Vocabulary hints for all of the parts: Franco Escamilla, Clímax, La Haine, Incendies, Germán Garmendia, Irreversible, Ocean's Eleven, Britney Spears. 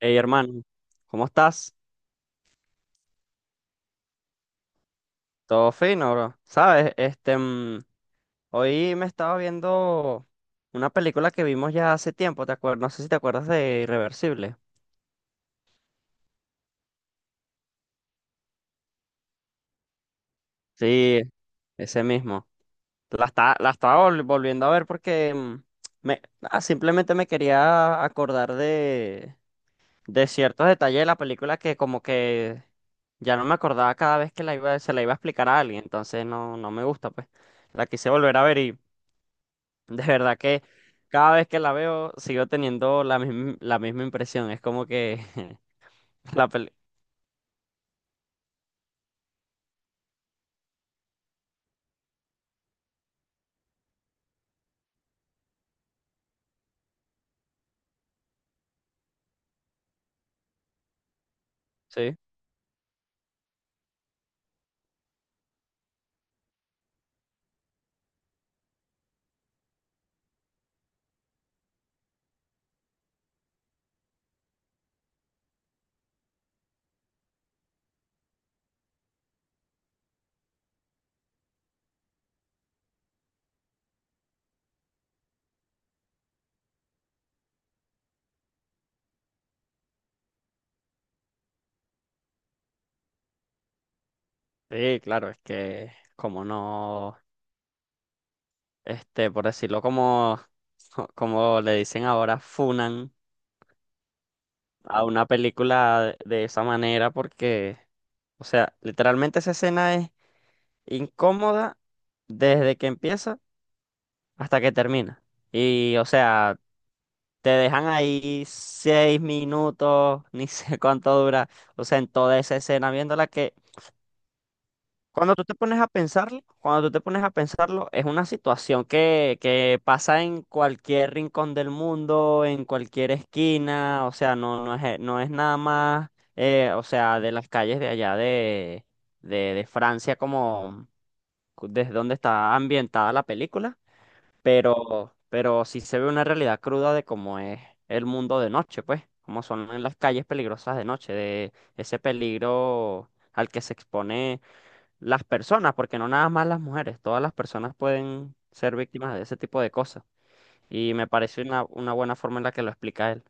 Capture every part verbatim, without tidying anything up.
Hey, hermano, ¿cómo estás? Todo fino, bro. Sabes, este, mm, hoy me estaba viendo una película que vimos ya hace tiempo, ¿te acuerdas? No sé si te acuerdas de Irreversible. Sí, ese mismo. La está, la estaba vol- volviendo a ver porque mm, me, ah, simplemente me quería acordar de, de ciertos detalles de la película que como que ya no me acordaba cada vez que la iba, se la iba a explicar a alguien, entonces no, no me gusta, pues. La quise volver a ver. De verdad que cada vez que la veo sigo teniendo la misma, la misma impresión. Es como que la peli... Sí, sí, claro, es que como no, este, por decirlo como, como le dicen ahora, funan a una película de, de esa manera porque, o sea, literalmente esa escena es incómoda desde que empieza hasta que termina. Y, o sea... Te dejan ahí seis minutos, ni sé cuánto dura. O sea, en toda esa escena viéndola que cuando tú te pones a pensarlo, cuando tú te pones a pensarlo, es una situación que, que pasa en cualquier rincón del mundo, en cualquier esquina. O sea, no, no es, eh, no es nada más, eh, o sea, de las calles de allá de, de, de Francia como desde donde está ambientada la película, pero, pero sí se ve una realidad cruda de cómo es el mundo de noche, pues, cómo son en las calles peligrosas de noche, de ese peligro al que se expone las personas, porque no nada más las mujeres, todas las personas pueden ser víctimas de ese tipo de cosas. Y me parece una, una buena forma en la que lo explica él.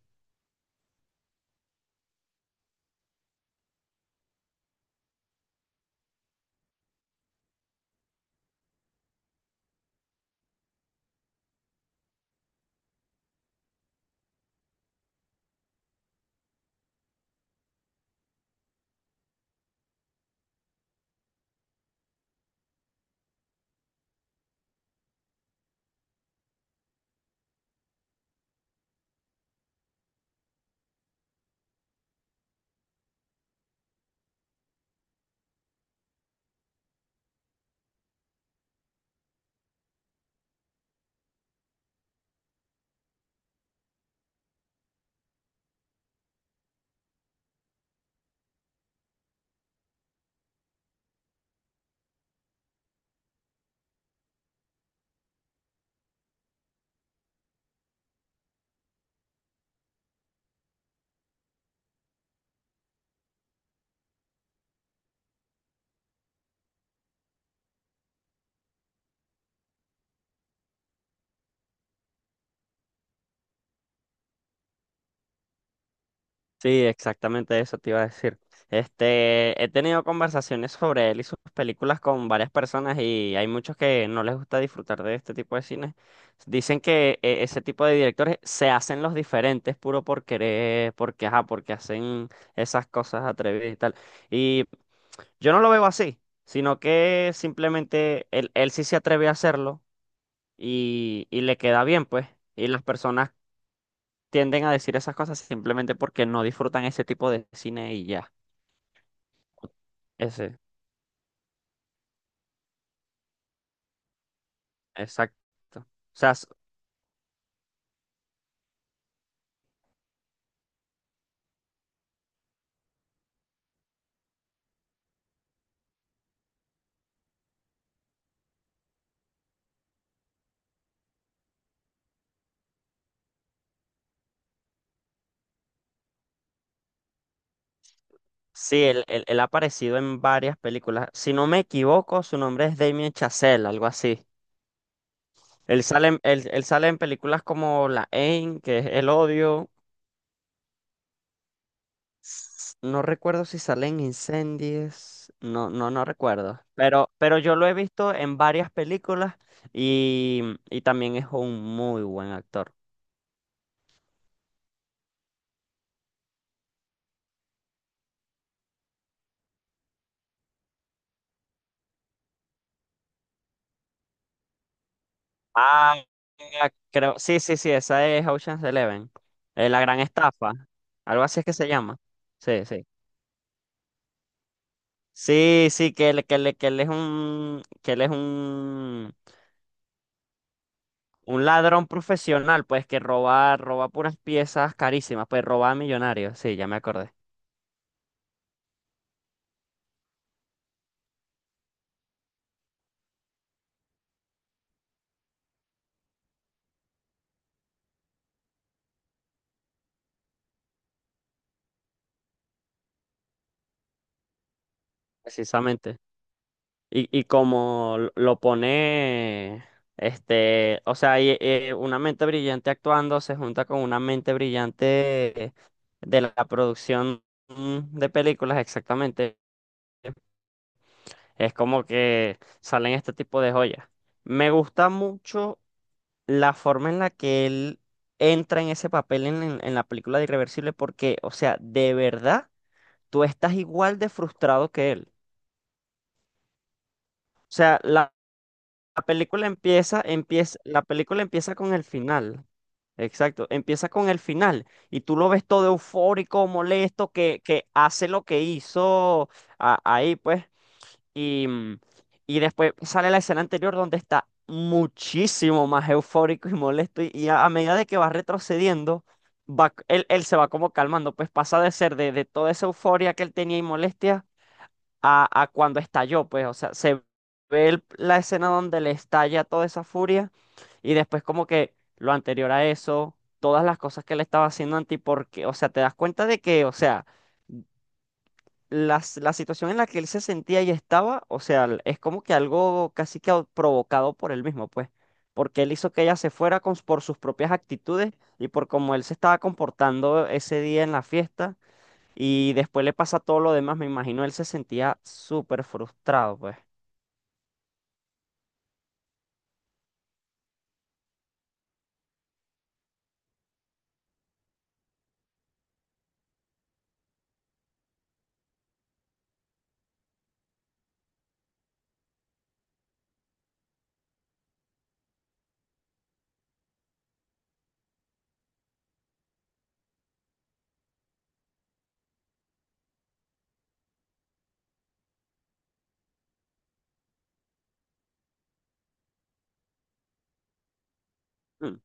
Sí, exactamente eso te iba a decir. Este, he tenido conversaciones sobre él y sus películas con varias personas y hay muchos que no les gusta disfrutar de este tipo de cine. Dicen que eh, ese tipo de directores se hacen los diferentes puro por querer, porque, ajá, porque hacen esas cosas atrevidas y tal. Y yo no lo veo así, sino que simplemente él, él sí se atreve a hacerlo y, y le queda bien, pues. Y las personas tienden a decir esas cosas simplemente porque no disfrutan ese tipo de cine y ya. Ese, exacto. O sea, s- sí, él, él- él ha aparecido en varias películas. Si no me equivoco, su nombre es Damien Chazelle, algo así. Él sale, en- él, él sale en películas como La Haine, que es El Odio. S- No recuerdo si sale en Incendies. No, no, no recuerdo. Pero, pero yo lo he visto en varias películas y, y también es un muy buen actor. Ah, creo, sí, sí, sí, esa es Ocean's Eleven. Eh, la gran estafa. Algo así es que se llama. Sí, sí. Sí, sí, que él, que él- que él es un, que él es un, un ladrón profesional, pues que roba, roba puras piezas carísimas, pues roba a millonarios. Sí, ya me acordé. Precisamente. Y, y como lo lo pone, este, o sea, y- eh, una mente brillante actuando se junta con una mente brillante de la producción, mm, de películas, exactamente. Es como que salen este tipo de joyas. Me gusta mucho la forma en la que él entra en ese papel en, en en la película de Irreversible porque, o sea, de verdad, tú estás igual de frustrado que él. O sea, la la película empieza, empieza, la película empieza con el final. Exacto, empieza con el final y tú lo ves todo eufórico, molesto, que, que hace lo que hizo a- ahí, pues. Y, mm, y después sale la escena anterior donde está muchísimo más eufórico y molesto. Y, y a, a medida de que va retrocediendo, va, c- él, él se va como calmando, pues pasa de ser de, de toda esa euforia que él tenía y molestia a, a cuando estalló, pues, o sea, se ve el- la escena donde le estalla toda esa furia y después como que lo anterior a eso, todas las cosas que le estaba haciendo Anti, porque, o sea, te das cuenta de que, o sea, las- la situación en la que él se sentía y estaba, o sea, l- es como que algo casi que au- provocado por él mismo, pues, porque él hizo que ella se fuera con, por sus propias actitudes y por cómo él se estaba comportando ese día en la fiesta. Y después le pasa todo lo demás, me imagino él se sentía súper frustrado, pues. Mm,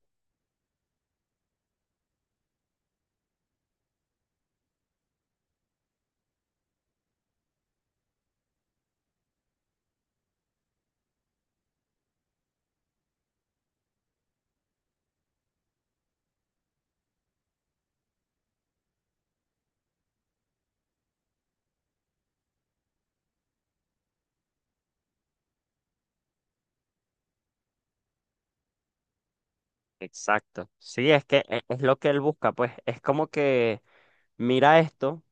Exacto. Sí, es que e- es lo que él busca, pues. Es como que mira esto,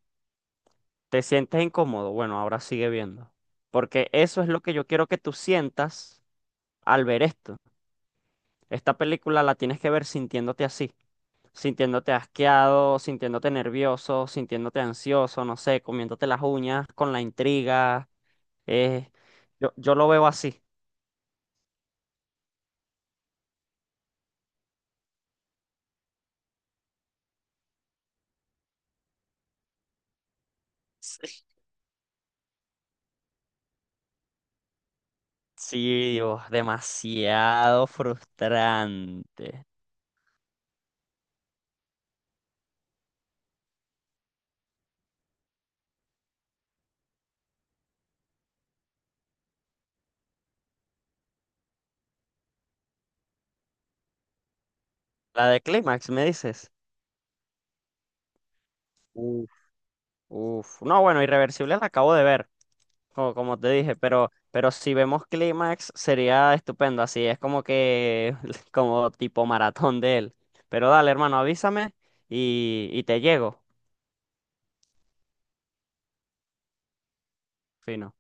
te sientes incómodo, bueno, ahora sigue viendo. Porque eso es lo que yo quiero que tú sientas al ver esto. Esta película la tienes que ver sintiéndote así, sintiéndote asqueado, sintiéndote nervioso, sintiéndote ansioso, no sé, comiéndote las uñas con la intriga. eh, yo, yo lo veo así. Sí, Dios, demasiado frustrante. La de Clímax, ¿me dices? Uf. Uf. No, bueno, Irreversible la acabo de ver, como, como te dije, pero, pero si vemos Clímax sería estupendo, así es como que, como tipo maratón de él. Pero dale, hermano, avísame y, y te llego. Fino.